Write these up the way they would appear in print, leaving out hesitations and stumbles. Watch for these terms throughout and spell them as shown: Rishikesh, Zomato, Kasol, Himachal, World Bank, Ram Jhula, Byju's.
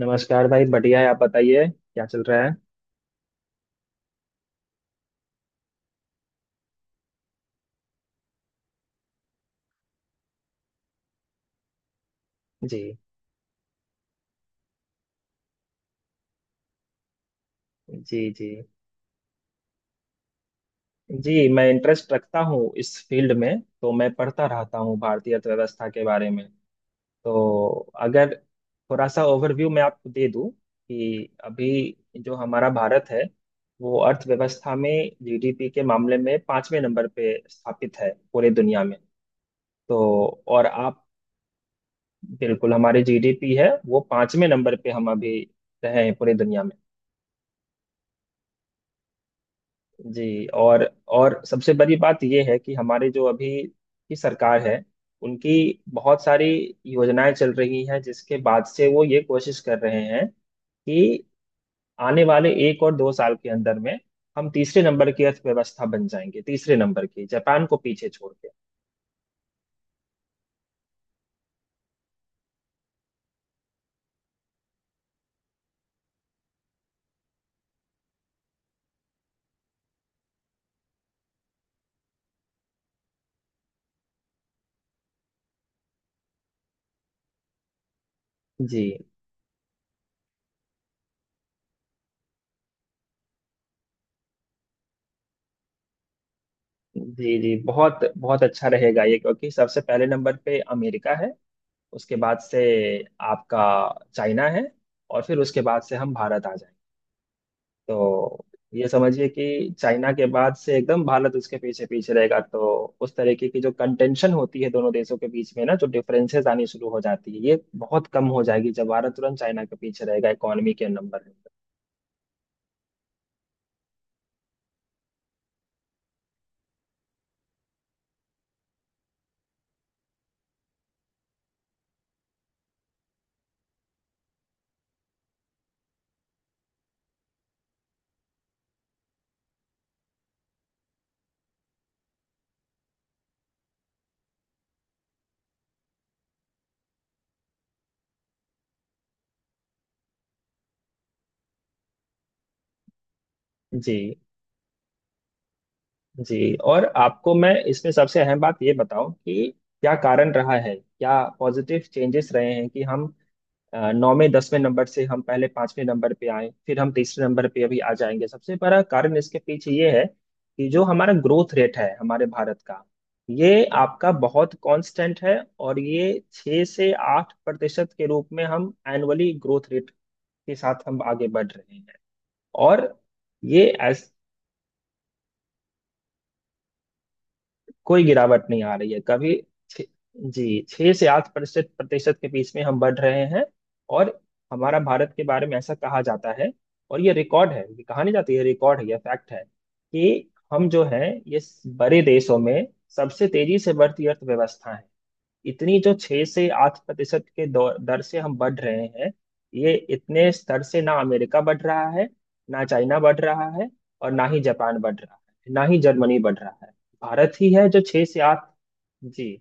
नमस्कार भाई, बढ़िया है। आप बताइए क्या चल रहा है। जी, जी, जी, जी, मैं इंटरेस्ट रखता हूँ इस फील्ड में, तो मैं पढ़ता रहता हूँ भारतीय अर्थव्यवस्था के बारे में। तो अगर थोड़ा सा ओवरव्यू मैं आपको दे दूँ, कि अभी जो हमारा भारत है, वो अर्थव्यवस्था में, जीडीपी के मामले में पांचवें नंबर पे स्थापित है पूरे दुनिया में। तो और आप, बिल्कुल हमारी जीडीपी है वो पांचवें नंबर पे हम अभी रहे हैं पूरी दुनिया में। जी। और सबसे बड़ी बात यह है कि हमारे जो अभी की सरकार है, उनकी बहुत सारी योजनाएं चल रही हैं जिसके बाद से वो ये कोशिश कर रहे हैं कि आने वाले एक और दो साल के अंदर में हम तीसरे नंबर की अर्थव्यवस्था बन जाएंगे, तीसरे नंबर की जापान को पीछे छोड़ के। जी, जी, जी, बहुत बहुत अच्छा रहेगा ये, क्योंकि सबसे पहले नंबर पे अमेरिका है, उसके बाद से आपका चाइना है, और फिर उसके बाद से हम भारत आ जाएंगे। तो ये समझिए कि चाइना के बाद से एकदम भारत उसके पीछे पीछे रहेगा, तो उस तरीके की जो कंटेंशन होती है दोनों देशों के बीच में ना, जो डिफरेंसेस आनी शुरू हो जाती है, ये बहुत कम हो जाएगी जब भारत तुरंत चाइना के पीछे रहेगा इकोनॉमी के नंबर में। जी, जी, और आपको मैं इसमें सबसे अहम बात ये बताऊं कि क्या कारण रहा है, क्या पॉजिटिव चेंजेस रहे हैं कि हम नौ में 10वें नंबर से हम पहले पांचवें नंबर पे आए, फिर हम तीसरे नंबर पे अभी आ जाएंगे। सबसे बड़ा कारण इसके पीछे ये है कि जो हमारा ग्रोथ रेट है हमारे भारत का, ये आपका बहुत कांस्टेंट है, और ये 6 से 8% के रूप में हम एनुअली ग्रोथ रेट के साथ हम आगे बढ़ रहे हैं। और ये कोई गिरावट नहीं आ रही है कभी। छ- जी, छह से आठ प्रतिशत प्रतिशत के बीच में हम बढ़ रहे हैं। और हमारा भारत के बारे में ऐसा कहा जाता है, और ये रिकॉर्ड है, ये कहा नहीं जाती है, रिकॉर्ड है, ये फैक्ट है कि हम जो है ये बड़े देशों में सबसे तेजी से बढ़ती अर्थव्यवस्था है। इतनी जो 6 से 8% के दर से हम बढ़ रहे हैं, ये इतने स्तर से ना अमेरिका बढ़ रहा है, ना चाइना बढ़ रहा है, और ना ही जापान बढ़ रहा है, ना ही जर्मनी बढ़ रहा है, भारत ही है जो छह से आठ। जी,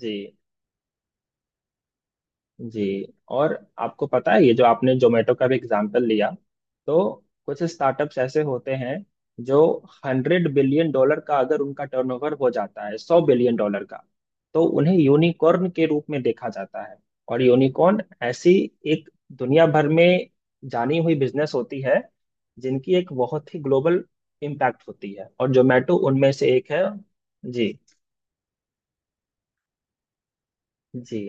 जी, जी, और आपको पता है ये जो आपने जोमेटो का भी एग्जाम्पल लिया, तो कुछ स्टार्टअप्स ऐसे होते हैं जो हंड्रेड बिलियन डॉलर का अगर उनका टर्नओवर हो जाता है, सौ बिलियन डॉलर का, तो उन्हें यूनिकॉर्न के रूप में देखा जाता है। और यूनिकॉर्न ऐसी एक दुनिया भर में जानी हुई बिजनेस होती है जिनकी एक बहुत ही ग्लोबल इम्पैक्ट होती है, और जोमेटो उनमें से एक है। जी, जी।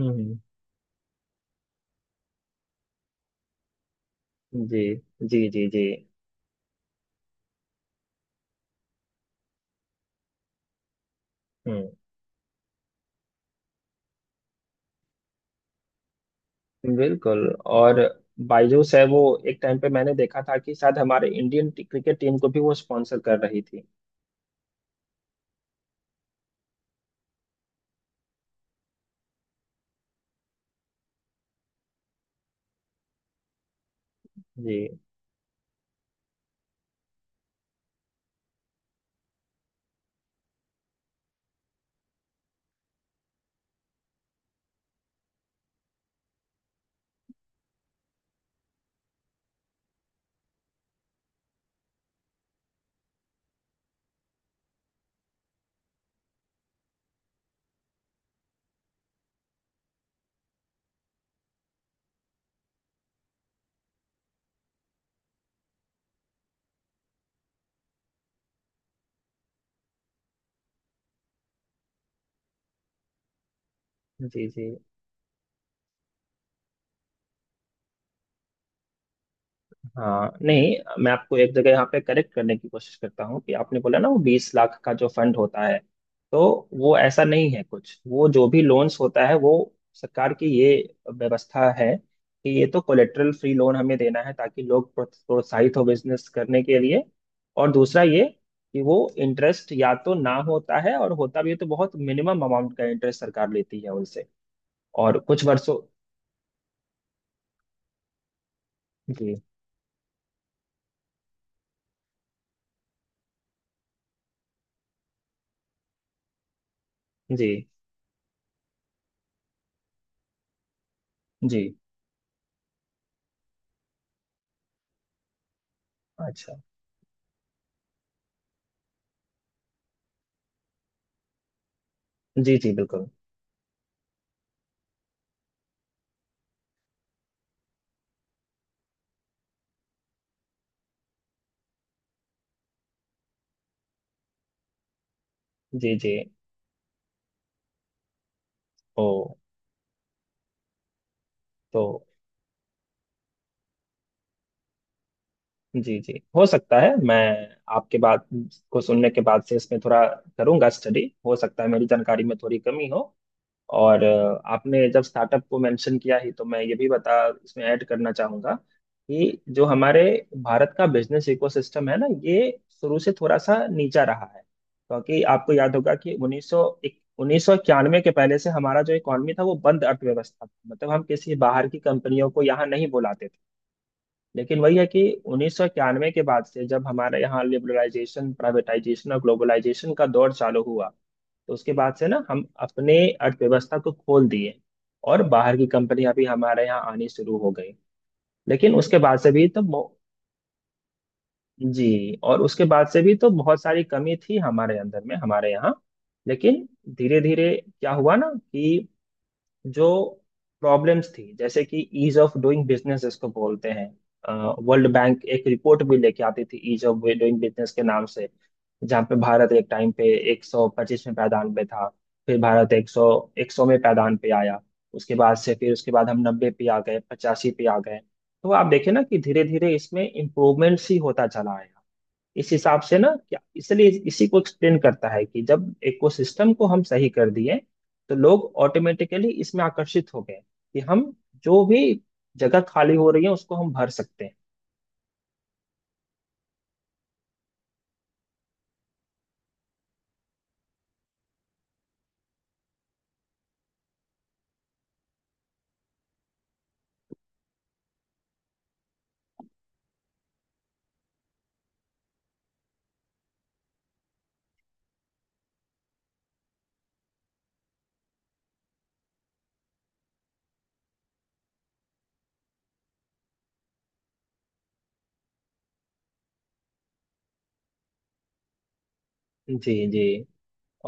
हम्म। जी, जी, जी, जी, जी, बिल्कुल। और बायजूस है, वो एक टाइम पे मैंने देखा था कि शायद हमारे इंडियन क्रिकेट टीम को भी वो स्पॉन्सर कर रही थी। जी, जी, जी, हाँ, नहीं, मैं आपको एक जगह यहाँ पे करेक्ट करने की कोशिश करता हूँ कि आपने बोला ना वो 20 लाख का जो फंड होता है, तो वो ऐसा नहीं है कुछ, वो जो भी लोन्स होता है, वो सरकार की ये व्यवस्था है कि ये तो कोलेटरल फ्री लोन हमें देना है ताकि लोग प्रोत्साहित हो बिजनेस करने के लिए। और दूसरा ये कि वो इंटरेस्ट या तो ना होता है, और होता भी है तो बहुत मिनिमम अमाउंट का इंटरेस्ट सरकार लेती है उनसे, और कुछ वर्षों। जी, जी, जी, अच्छा, जी, जी, बिल्कुल, जी, जी। ओ, तो जी, जी, हो सकता है मैं आपके बात को सुनने के बाद से इसमें थोड़ा करूंगा स्टडी, हो सकता है मेरी जानकारी में थोड़ी कमी हो। और आपने जब स्टार्टअप को मेंशन किया ही, तो मैं ये भी बता इसमें ऐड करना चाहूंगा कि जो हमारे भारत का बिजनेस इकोसिस्टम है ना, ये शुरू से थोड़ा सा नीचा रहा है, क्योंकि आपको याद होगा कि उन्नीस सौ इक्यानवे के पहले से हमारा जो इकोनॉमी था, वो बंद अर्थव्यवस्था था, मतलब हम किसी बाहर की कंपनियों को यहाँ नहीं बुलाते थे। लेकिन वही है कि 1991 के बाद से जब हमारे यहाँ लिबरलाइजेशन, प्राइवेटाइजेशन और ग्लोबलाइजेशन का दौर चालू हुआ, तो उसके बाद से ना हम अपने अर्थव्यवस्था को खोल दिए, और बाहर की कंपनियां भी हमारे यहाँ आनी शुरू हो गई। लेकिन उसके बाद से भी तो जी। और उसके बाद से भी तो बहुत सारी कमी थी हमारे अंदर में हमारे यहाँ, लेकिन धीरे धीरे क्या हुआ ना कि जो प्रॉब्लम्स थी, जैसे कि ईज ऑफ डूइंग बिजनेस इसको बोलते हैं, वर्ल्ड बैंक एक रिपोर्ट भी लेके आती थी ईज ऑफ डूइंग बिजनेस के नाम से, जहाँ पे भारत एक टाइम पे 125वें पायदान पे था, फिर भारत 100वें पायदान पे आया। उसके बाद से, फिर उसके बाद हम 90 पे आ गए, 85 पे आ गए, तो आप देखें ना कि धीरे धीरे इसमें इम्प्रूवमेंट्स ही होता चला है, इस हिसाब से ना, क्या इसलिए इसी को एक्सप्लेन करता है कि जब इकोसिस्टम को हम सही कर दिए, तो लोग ऑटोमेटिकली इसमें आकर्षित हो गए, कि हम जो भी जगह खाली हो रही है उसको हम भर सकते हैं। जी, जी,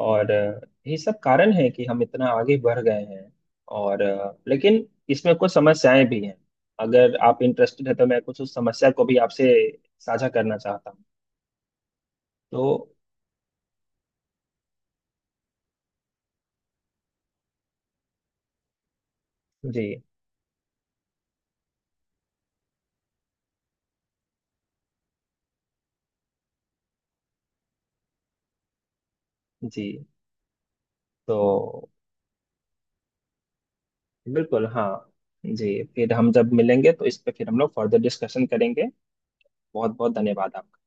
और यही सब कारण है कि हम इतना आगे बढ़ गए हैं, और लेकिन इसमें कुछ समस्याएं भी हैं, अगर आप इंटरेस्टेड है तो मैं कुछ उस समस्या को भी आपसे साझा करना चाहता हूँ। तो जी, जी, तो बिल्कुल, हाँ, जी, फिर हम जब मिलेंगे तो इस पे फिर हम लोग फर्दर डिस्कशन करेंगे। बहुत बहुत धन्यवाद आपका।